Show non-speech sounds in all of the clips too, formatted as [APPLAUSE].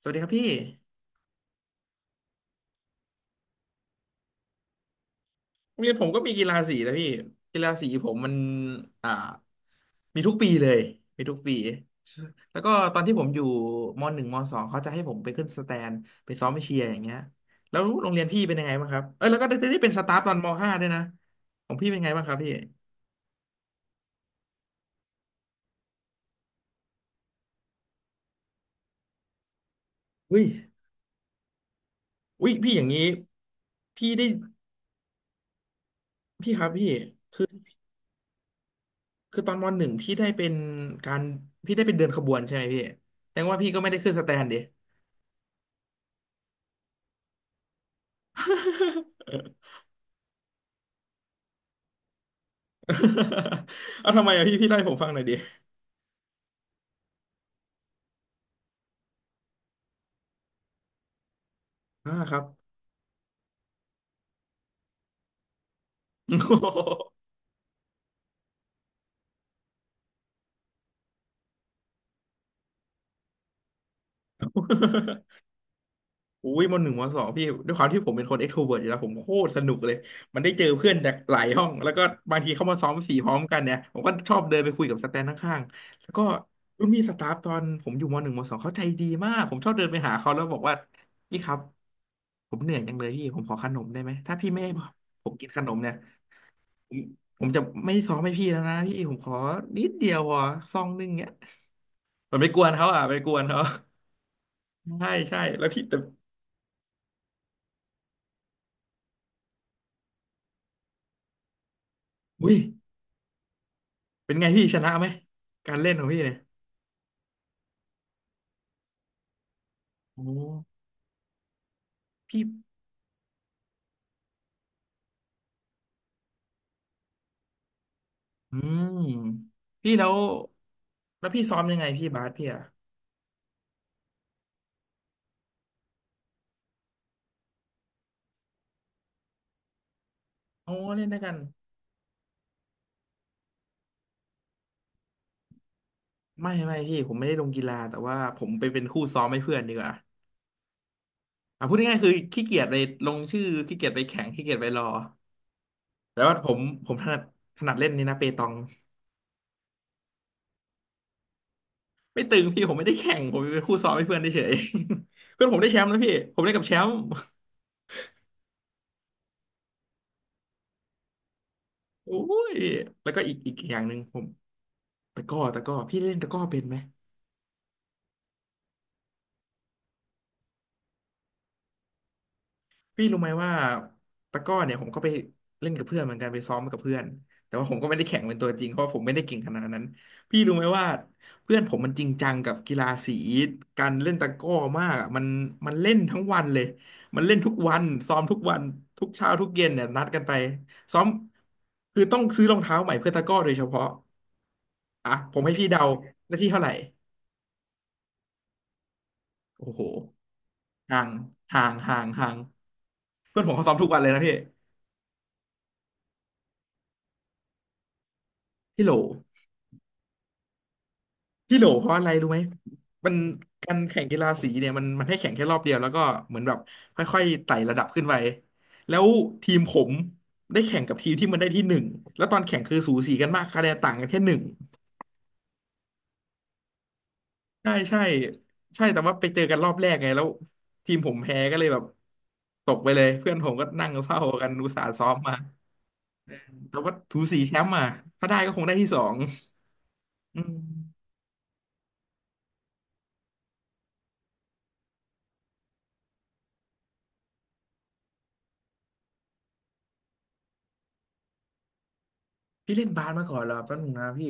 สวัสดีครับพี่โรงเรียนผมก็มีกีฬาสีนะพี่กีฬาสีผมมันอ่ามีทุกปีเลยมีทุกปีแล้วก็ตอนที่ผมอยู่มหนึ่งมสองเขาจะให้ผมไปขึ้นสแตนไปซ้อมไปเชียร์อย่างเงี้ยแล้วโรงเรียนพี่เป็นยังไงบ้างครับเออแล้วก็ได้เป็นสตาฟตอนมห้าด้วยนะของพี่เป็นไงบ้างครับพี่อุ้ยอุ้ยพี่อย่างนี้พี่ได้พี่ครับพี่คือตอนมหนึ่งพี่ได้เป็นการพี่ได้เป็นเดินขบวนใช่ไหมพี่แสดงว่าพี่ก็ไม่ได้ขึ้นสแตนดิ [LAUGHS] [LAUGHS] เอาทำไมอ่ะพี่ไล่าให้ผมฟังหน่อยดิอ่าครับ [LAUGHS] โอโหอุ้ยมหนึ่งมสองพี่ด้วยความที่ผมเป็นคน extrovert อกซ์โทรเวิร์ตอยู่แล้วผมโคตรสนุกเลยมันได้เจอเพื่อนจากหลายห้องแล้วก็บางทีเข้ามาซ้อมสี่พร้อมกันเนี่ยผมก็ชอบเดินไปคุยกับสแตนข้างๆแล้วก็รุ่นพี่สตาฟตอนผมอยู่มหนึ่งมสองเขาใจดีมากผมชอบเดินไปหาเขาแล้วบอกว่าพี่ครับผมเหนื่อยจังเลยพี่ผมขอขนมได้ไหมถ้าพี่ไม่ให้ผมกินขนมเนี่ยผมผมจะไม่ซ้อมให้พี่แล้วนะพี่ผมขอนิดเดียวพอซองนึงเนี่ย มันไปกวนเขาอ่ะไปกวนเขา [LAUGHS] ใช่ใช่แล้วพี่แต่อุ้ยเป็นไงพี่ชนะไหมการเล่นของพี่เนี่ยโอ้พี่อืมพี่แล้วแล้วพี่ซ้อมยังไงพี่บาสพี่อ่ะโอ้เล่นด้วยกันไม่พี่ผมไม่ได้ลงกีฬาแต่ว่าผมไปเป็นคู่ซ้อมให้เพื่อนดีกว่าอ่ะพูดง่ายๆคือขี้เกียจไปลงชื่อขี้เกียจไปแข่งขี้เกียจไปรอแต่ว่าผมถนัดถนัดเล่นนี่นะเปตองไม่ตึงพี่ผมไม่ได้แข่งผมเป็นคู่ซ้อมให้เพื่อนเฉยๆ [LAUGHS] เพื่อนผมได้แชมป์นะพี่ผมได้กับแชมป์ โอ้ยแล้วก็อีกอกอย่างหนึ่งผมตะกร้อตะกร้อพี่เล่นตะกร้อเป็นไหมพี่รู้ไหมว่าตะกร้อเนี่ยผมก็ไปเล่นกับเพื่อนเหมือนกันไปซ้อมกับเพื่อนแต่ว่าผมก็ไม่ได้แข่งเป็นตัวจริงเพราะว่าผมไม่ได้เก่งขนาดนั้นพี่รู้ไหมว่าเพื่อนผมมันจริงจังกับกีฬาสีการเล่นตะกร้อมากอะมันเล่นทั้งวันเลยมันเล่นทุกวันซ้อมทุกวันทุกเช้าทุกเย็นเนี่ยนัดกันไปซ้อมคือต้องซื้อรองเท้าใหม่เพื่อตะกร้อโดยเฉพาะอ่ะผมให้พี่เดาหน้าที่เท่าไหร่โอ้โห ห่างห่างเพื่อนผมเขาซ้อมทุกวันเลยนะพี่พี่โหลพี่โหลเพราะอะไรรู้ไหมมันการแข่งกีฬาสีเนี่ยมันให้แข่งแค่รอบเดียวแล้วก็เหมือนแบบค่อยๆไต่ระดับขึ้นไปแล้วทีมผมได้แข่งกับทีมที่มันได้ที่หนึ่งแล้วตอนแข่งคือสูสีกันมากคะแนนต่างกันแค่หนึ่งใช่ใช่ใช่แต่ว่าไปเจอกันรอบแรกไงแล้วทีมผมแพ้ก็เลยแบบตกไปเลยเพื่อนผมก็นั่งเศร้ากันอุตส่าห์ซ้อมมาแต่ว่าถูสีแชมป์อ่ะถ้าได้ก็คงได้ที่สองอืม พี่เล่นบาสมาก่อนเหรอแป๊บนึงนะพี่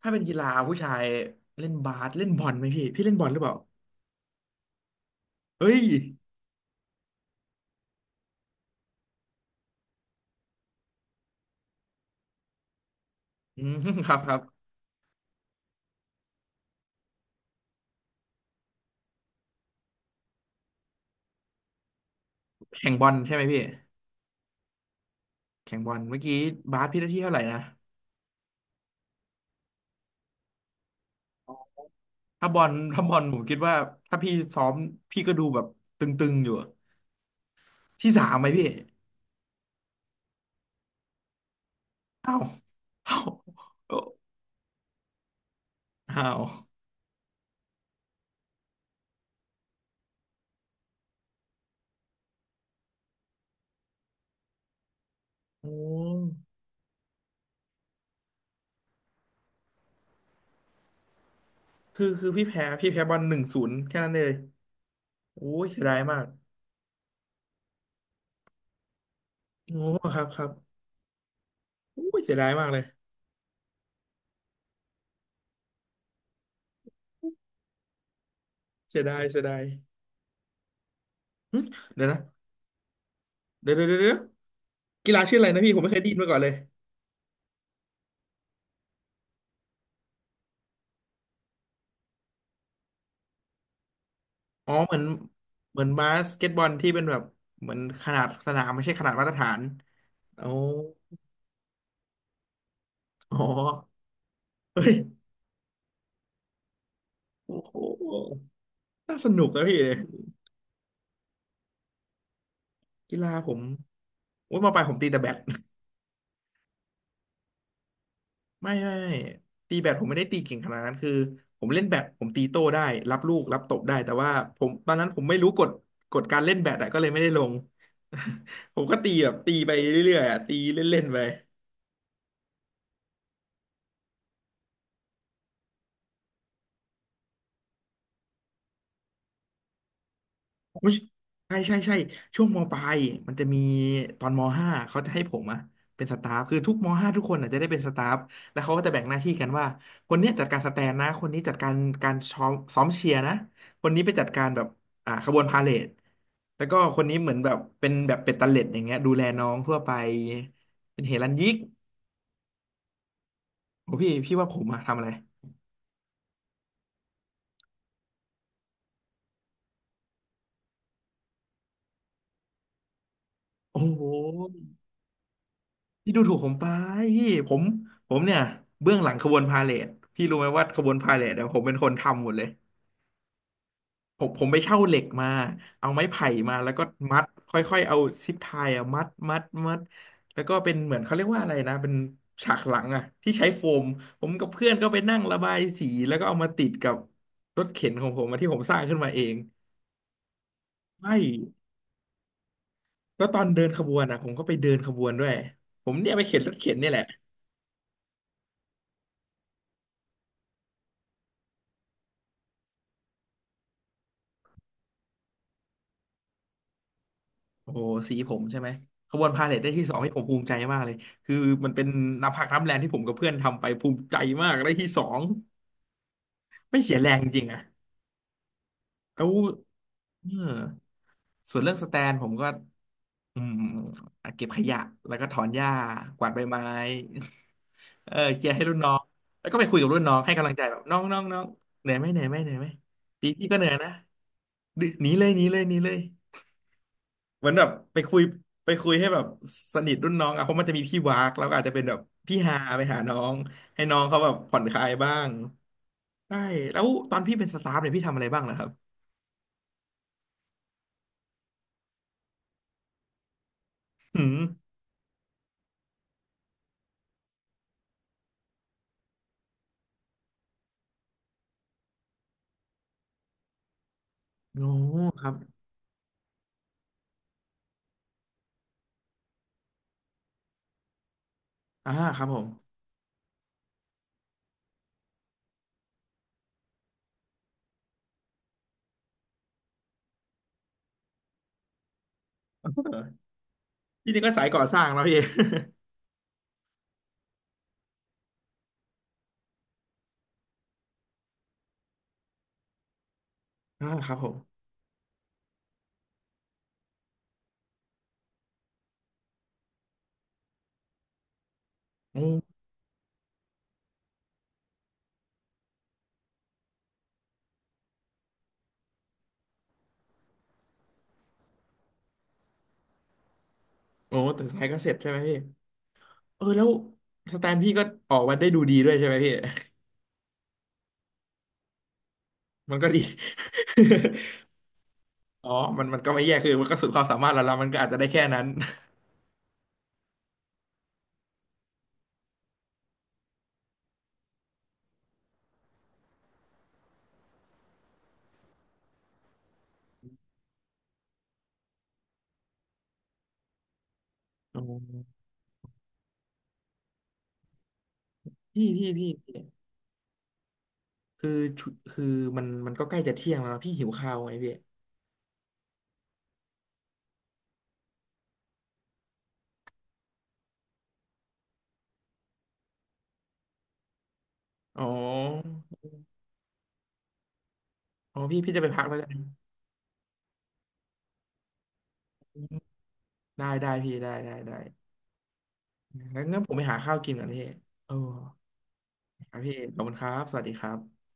ถ้าเป็นกีฬาผู้ชายเล่นบาสเล่นบอลไหมพี่พี่เล่นบอลหรือเปล่าเฮ้ยอืม [LAUGHS] ครับครับแข่งบอลใช่ไหมพี่แข่งบอลเมื่อกี้บาสพี่ได้ที่เท่าไหร่นะถ้าบอลผมคิดว่าถ้าพี่ซ้อมพี่ก็ดูแบบตึงๆอยู่อะที่สามไหมพี่อ้าวอ้าวอ้าวโอ้คือพี่แพ้บอลหนึ่งศูนย์แค่นั้นเลยโอ้ยเสียดายมากโอ้ครับครับโอ้ยเสียดายมากเลยเสียดาย หึเดี๋ยวนะเดี๋ยวกีฬาชื่ออะไรนะพี่ผมไม่เคยได้ยินมาก่อนเลยอ๋อเหมือนบาสเกตบอลที่เป็นแบบเหมือนขนาดสนามไม่ใช่ขนาดมาตรฐานโอ้อ๋อเฮ้ยโอ้โหน่าสนุกนะพี่่กีฬาผมว่ามาไปลายผมตีแต่แบด [LAUGHS] ไม่ตีแบดผมไม่ได้ตีเก่งขนาดนั้นคือผมเล่นแบดผมตีโต้ได้รับลูกรับตบได้แต่ว่าผมตอนนั้นผมไม่รู้กฎกฎการเล่นแบดอะก็เลยไม่ได้ลง [LAUGHS] ผมก็ตีแบบตีไปเรื่อยๆอะตีเล่นๆไป อุ๊ยใช่ใช่ใช่ช่วงมปลายมันจะมีตอนมห้าเขาจะให้ผมอะเป็นสตาฟคือทุกมห้าทุกคนอะจะได้เป็นสตาฟแล้วเขาก็จะแบ่งหน้าที่กันว่าคนเนี้ยจัดการสแตนนะคนนี้จัดการการซ้อมเชียร์นะคนนี้ไปจัดการแบบขบวนพาเหรดแล้วก็คนนี้เหมือนแบบเป็นแบบเป็ดตะเล็ดอย่างเงี้ยดูแลน้องทั่วไปเป็นเฮรัญญิกโอ้พี่ว่าผมอะทำอะไรโอ้โห พี่ดูถูกผมไปพี่ผมผมเนี่ยเบื้องหลังขบวนพาเหรดพี่รู้ไหมว่าขบวนพาเหรดเนี่ยผมเป็นคนทำหมดเลยผมไปเช่าเหล็กมาเอาไม้ไผ่มาแล้วก็มัดค่อยๆเอาซิปไทยอะมัดมัดมัดแล้วก็เป็นเหมือนเขาเรียกว่าอะไรนะเป็นฉากหลังอะที่ใช้โฟมผมกับเพื่อนก็ไปนั่งระบายสีแล้วก็เอามาติดกับรถเข็นของผมอะที่ผมสร้างขึ้นมาเองใช่แล้วตอนเดินขบวนอะผมก็ไปเดินขบวนด้วยผมเนี่ยไปเข็นรถเข็นเนี่ยแหละ โอ้โหสีผมใช่ไหมขบวนพาเหรดได้ที่สองที่ผมภูมิใจมากเลยคือมันเป็นน้ำพักน้ำแรงที่ผมกับเพื่อนทำไปภูมิใจมากได้ที่สองไม่เสียแรงจริงๆอะแล้วเออส่วนเรื่องสแตนผมก็อืมเก็บขยะแล้วก็ถอนหญ้ากวาดใบไม้ [LAUGHS] เออเคลียร์ให้รุ่นน้องแล้วก็ไปคุยกับรุ่นน้องให้กำลังใจแบบน้องน้องน้องเหนื่อยไหมเหนื่อยไหมเหนื่อยไหมปีพี่ก็เหนื่อยนะดือหนีเลยหนีเลยหนีเลย เหมือนแบบไปคุยไปคุยให้แบบสนิทรุ่นน้องอ่ะเพราะมันจะมีพี่วากแล้วก็อาจจะเป็นแบบพี่ฮาไปหาน้องให้น้องเขาแบบผ่อนคลายบ้างใช่แล้วตอนพี่เป็นสตาฟเนี่ยพี่ทำอะไรบ้างล่ะครับอืมโอ้ครับอ่าครับผม [LAUGHS] เออพี่นี่ก็สายก่อสร้างแล้วพี่ [LAUGHS] อ่าครับผมโอ้โอ้แต่สายเก็เสร็จใช่ไหมพี่เออแล้วสแตนพี่ก็ออกมาได้ดูดีด้วยใช่ไหมพี่ [LAUGHS] มันก็ดี [LAUGHS] อ๋อมันก็ไม่แย่คือมันก็สุดความสามารถแล้วละมันก็อาจจะได้แค่นั้น [LAUGHS] อ๋อพี่ [LAUGHS] พี่ คือชุคือมันก็ใกล้จะเที่ยงแล้วนะพี่หิวข้าวไงพี่อ๋ออ๋อพี่จะไปพักแล้ว [LAUGHS] กันได้ได้พี่ได้ได้ได้งั้นงั้นผมไปหาข้าวกินก่อนพี่เออครับพี่ขอบคุณครับสวัสดีครับ